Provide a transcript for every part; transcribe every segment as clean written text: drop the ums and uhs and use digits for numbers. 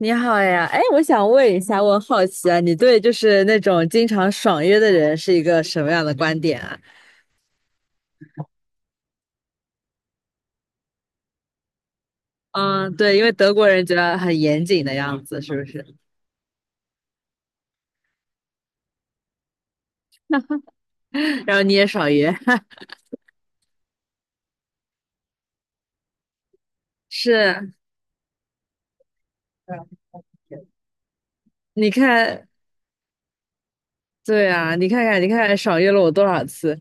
你好呀，哎，我想问一下，我好奇啊，你对就是那种经常爽约的人是一个什么样的观点啊？嗯，对，因为德国人觉得很严谨的样子，是不是？然后你也爽约，是，你看，对啊，你看看，你看看，爽约了我多少次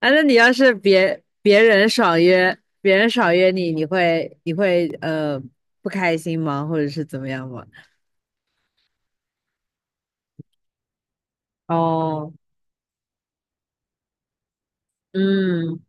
啊？那你要是别人爽约，别人爽约你，你会不开心吗？或者是怎么样吗？哦，嗯。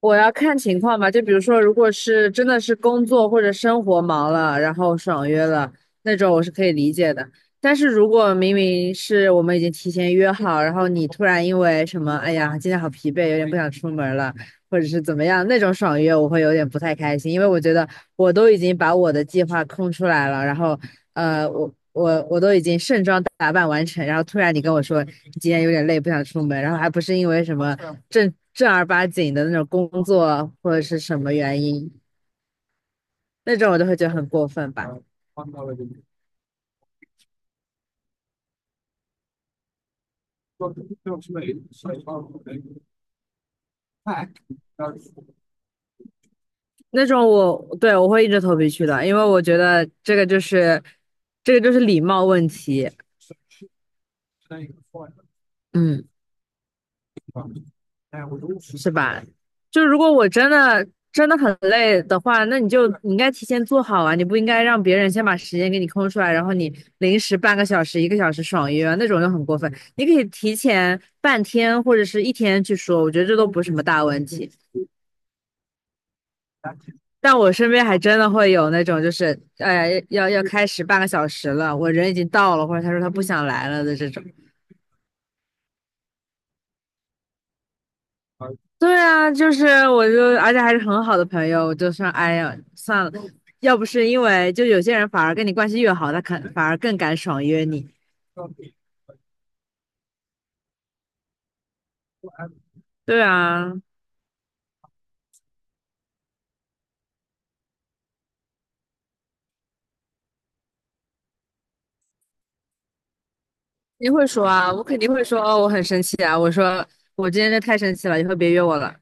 我要看情况吧，就比如说，如果是真的是工作或者生活忙了，然后爽约了那种，我是可以理解的。但是如果明明是我们已经提前约好，然后你突然因为什么，哎呀，今天好疲惫，有点不想出门了，或者是怎么样，那种爽约，我会有点不太开心，因为我觉得我都已经把我的计划空出来了，然后我都已经盛装打扮完成，然后突然你跟我说你今天有点累，不想出门，然后还不是因为什么。正正儿八经的那种工作或者是什么原因，那种我都会觉得很过分吧。那种我对我会硬着头皮去的，因为我觉得这个就是礼貌问题，嗯，是吧？就如果我真的真的很累的话，那你就你应该提前做好啊，你不应该让别人先把时间给你空出来，然后你临时半个小时、一个小时爽约啊，那种就很过分。你可以提前半天或者是一天去说，我觉得这都不是什么大问题。但我身边还真的会有那种，就是哎呀，要开始半个小时了，我人已经到了，或者他说他不想来了的这种。对啊，就是我就，而且还是很好的朋友，我就说，哎呀，算了，要不是因为就有些人反而跟你关系越好，他肯反而更敢爽约你。对啊，你会说啊，我肯定会说哦，我很生气啊，我说我今天这太生气了，以后别约我了，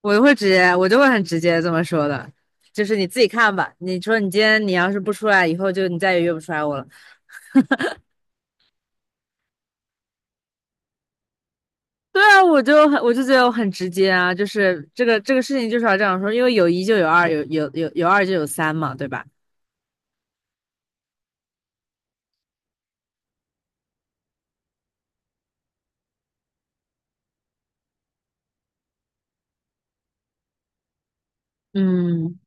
我就会直接，我就会很直接这么说的，就是你自己看吧，你说你今天你要是不出来，以后就你再也约不出来我了。对啊，我就很，我就觉得我很直接啊，就是这个事情就是要这样说，因为有一就有二，有二就有三嘛，对吧？嗯，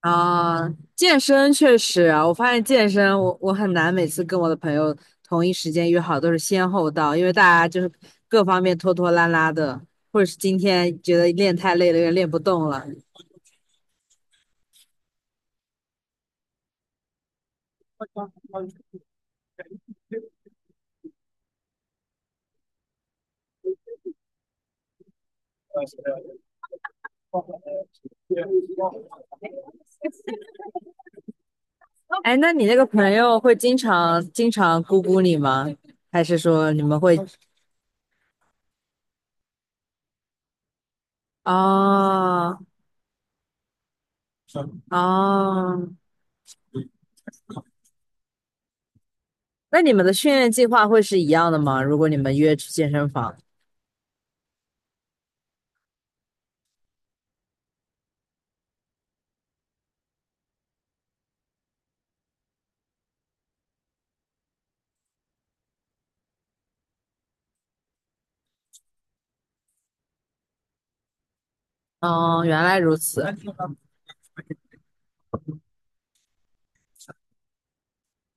啊，健身确实啊，我发现健身我很难每次跟我的朋友同一时间约好，都是先后到，因为大家就是各方面拖拖拉拉的，或者是今天觉得练太累了，有点练不动了。哎，那你那个朋友会经常咕咕你吗？还是说你们会？哦哦那你们的训练计划会是一样的吗？如果你们约去健身房，嗯，原来如此。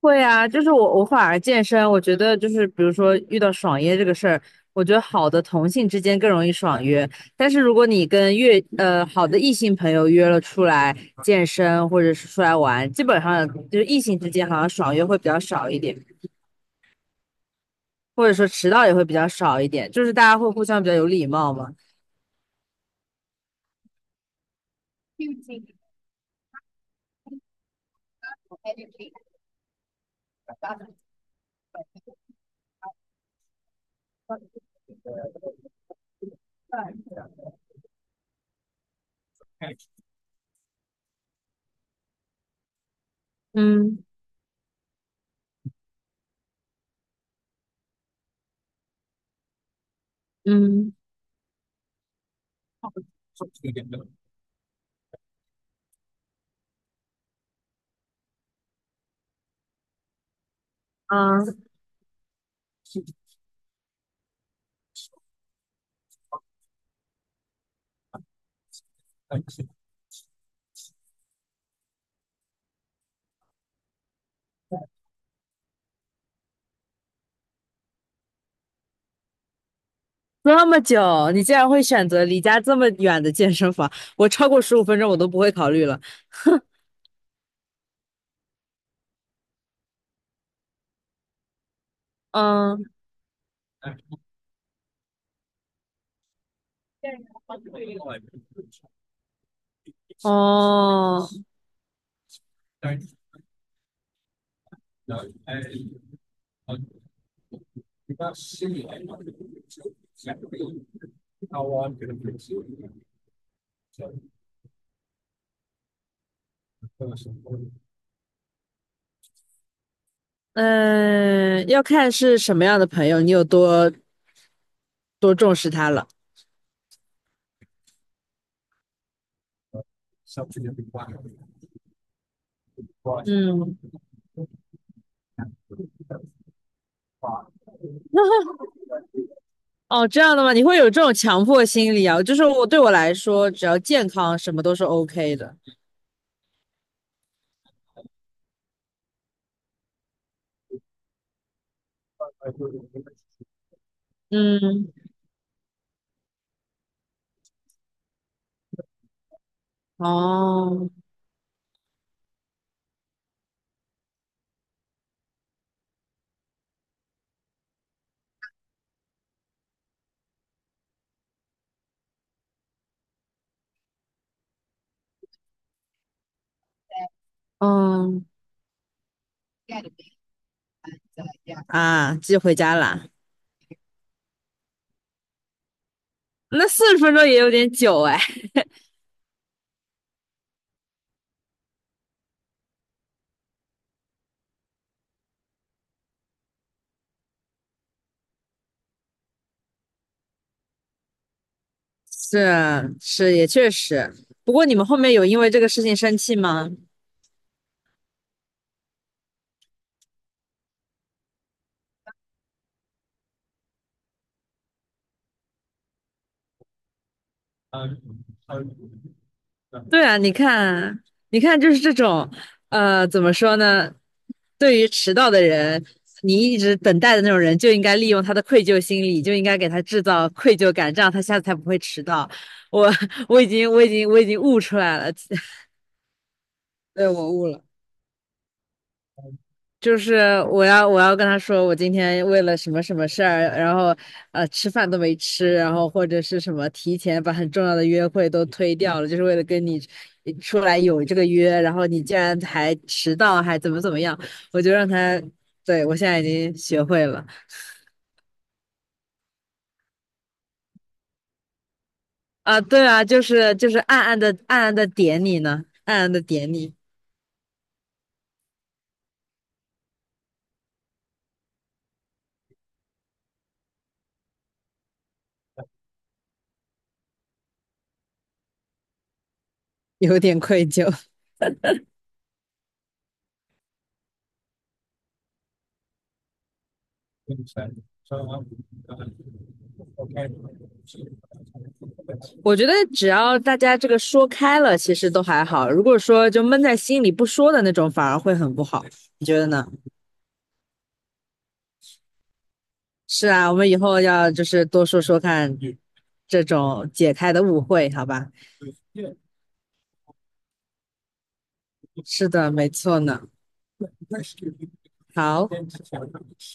会啊，就是我反而健身，我觉得就是比如说遇到爽约这个事儿，我觉得好的同性之间更容易爽约，但是如果你跟越好的异性朋友约了出来健身或者是出来玩，基本上就是异性之间好像爽约会比较少一点，或者说迟到也会比较少一点，就是大家会互相比较有礼貌嘛。嗯嗯。这么久，你竟然会选择离家这么远的健身房？我超过15分钟我都不会考虑了。嗯，哦，嗯，要看是什么样的朋友，你有多多重视他了。嗯，哦，这样的吗？你会有这种强迫心理啊？就是我对我来说，只要健康，什么都是 OK 的。嗯，哦，嗯，啊，寄回家啦。那40分钟也有点久哎。是是，也确实。不过你们后面有因为这个事情生气吗？对啊，你看，你看，就是这种，怎么说呢？对于迟到的人，你一直等待的那种人，就应该利用他的愧疚心理，就应该给他制造愧疚感，这样他下次才不会迟到。我 我已经悟出来了，对，我悟了。就是我要跟他说，我今天为了什么什么事儿，然后吃饭都没吃，然后或者是什么提前把很重要的约会都推掉了，就是为了跟你出来有这个约，然后你竟然还迟到，还怎么怎么样，我就让他，对，我现在已经学会了啊，对啊，就是就是暗暗的点你呢，暗暗的点你，有点愧疚。我觉得只要大家这个说开了，其实都还好。如果说就闷在心里不说的那种，反而会很不好。你觉得呢？是啊，我们以后要就是多说说看这种解开的误会，好吧？是的，没错呢。好。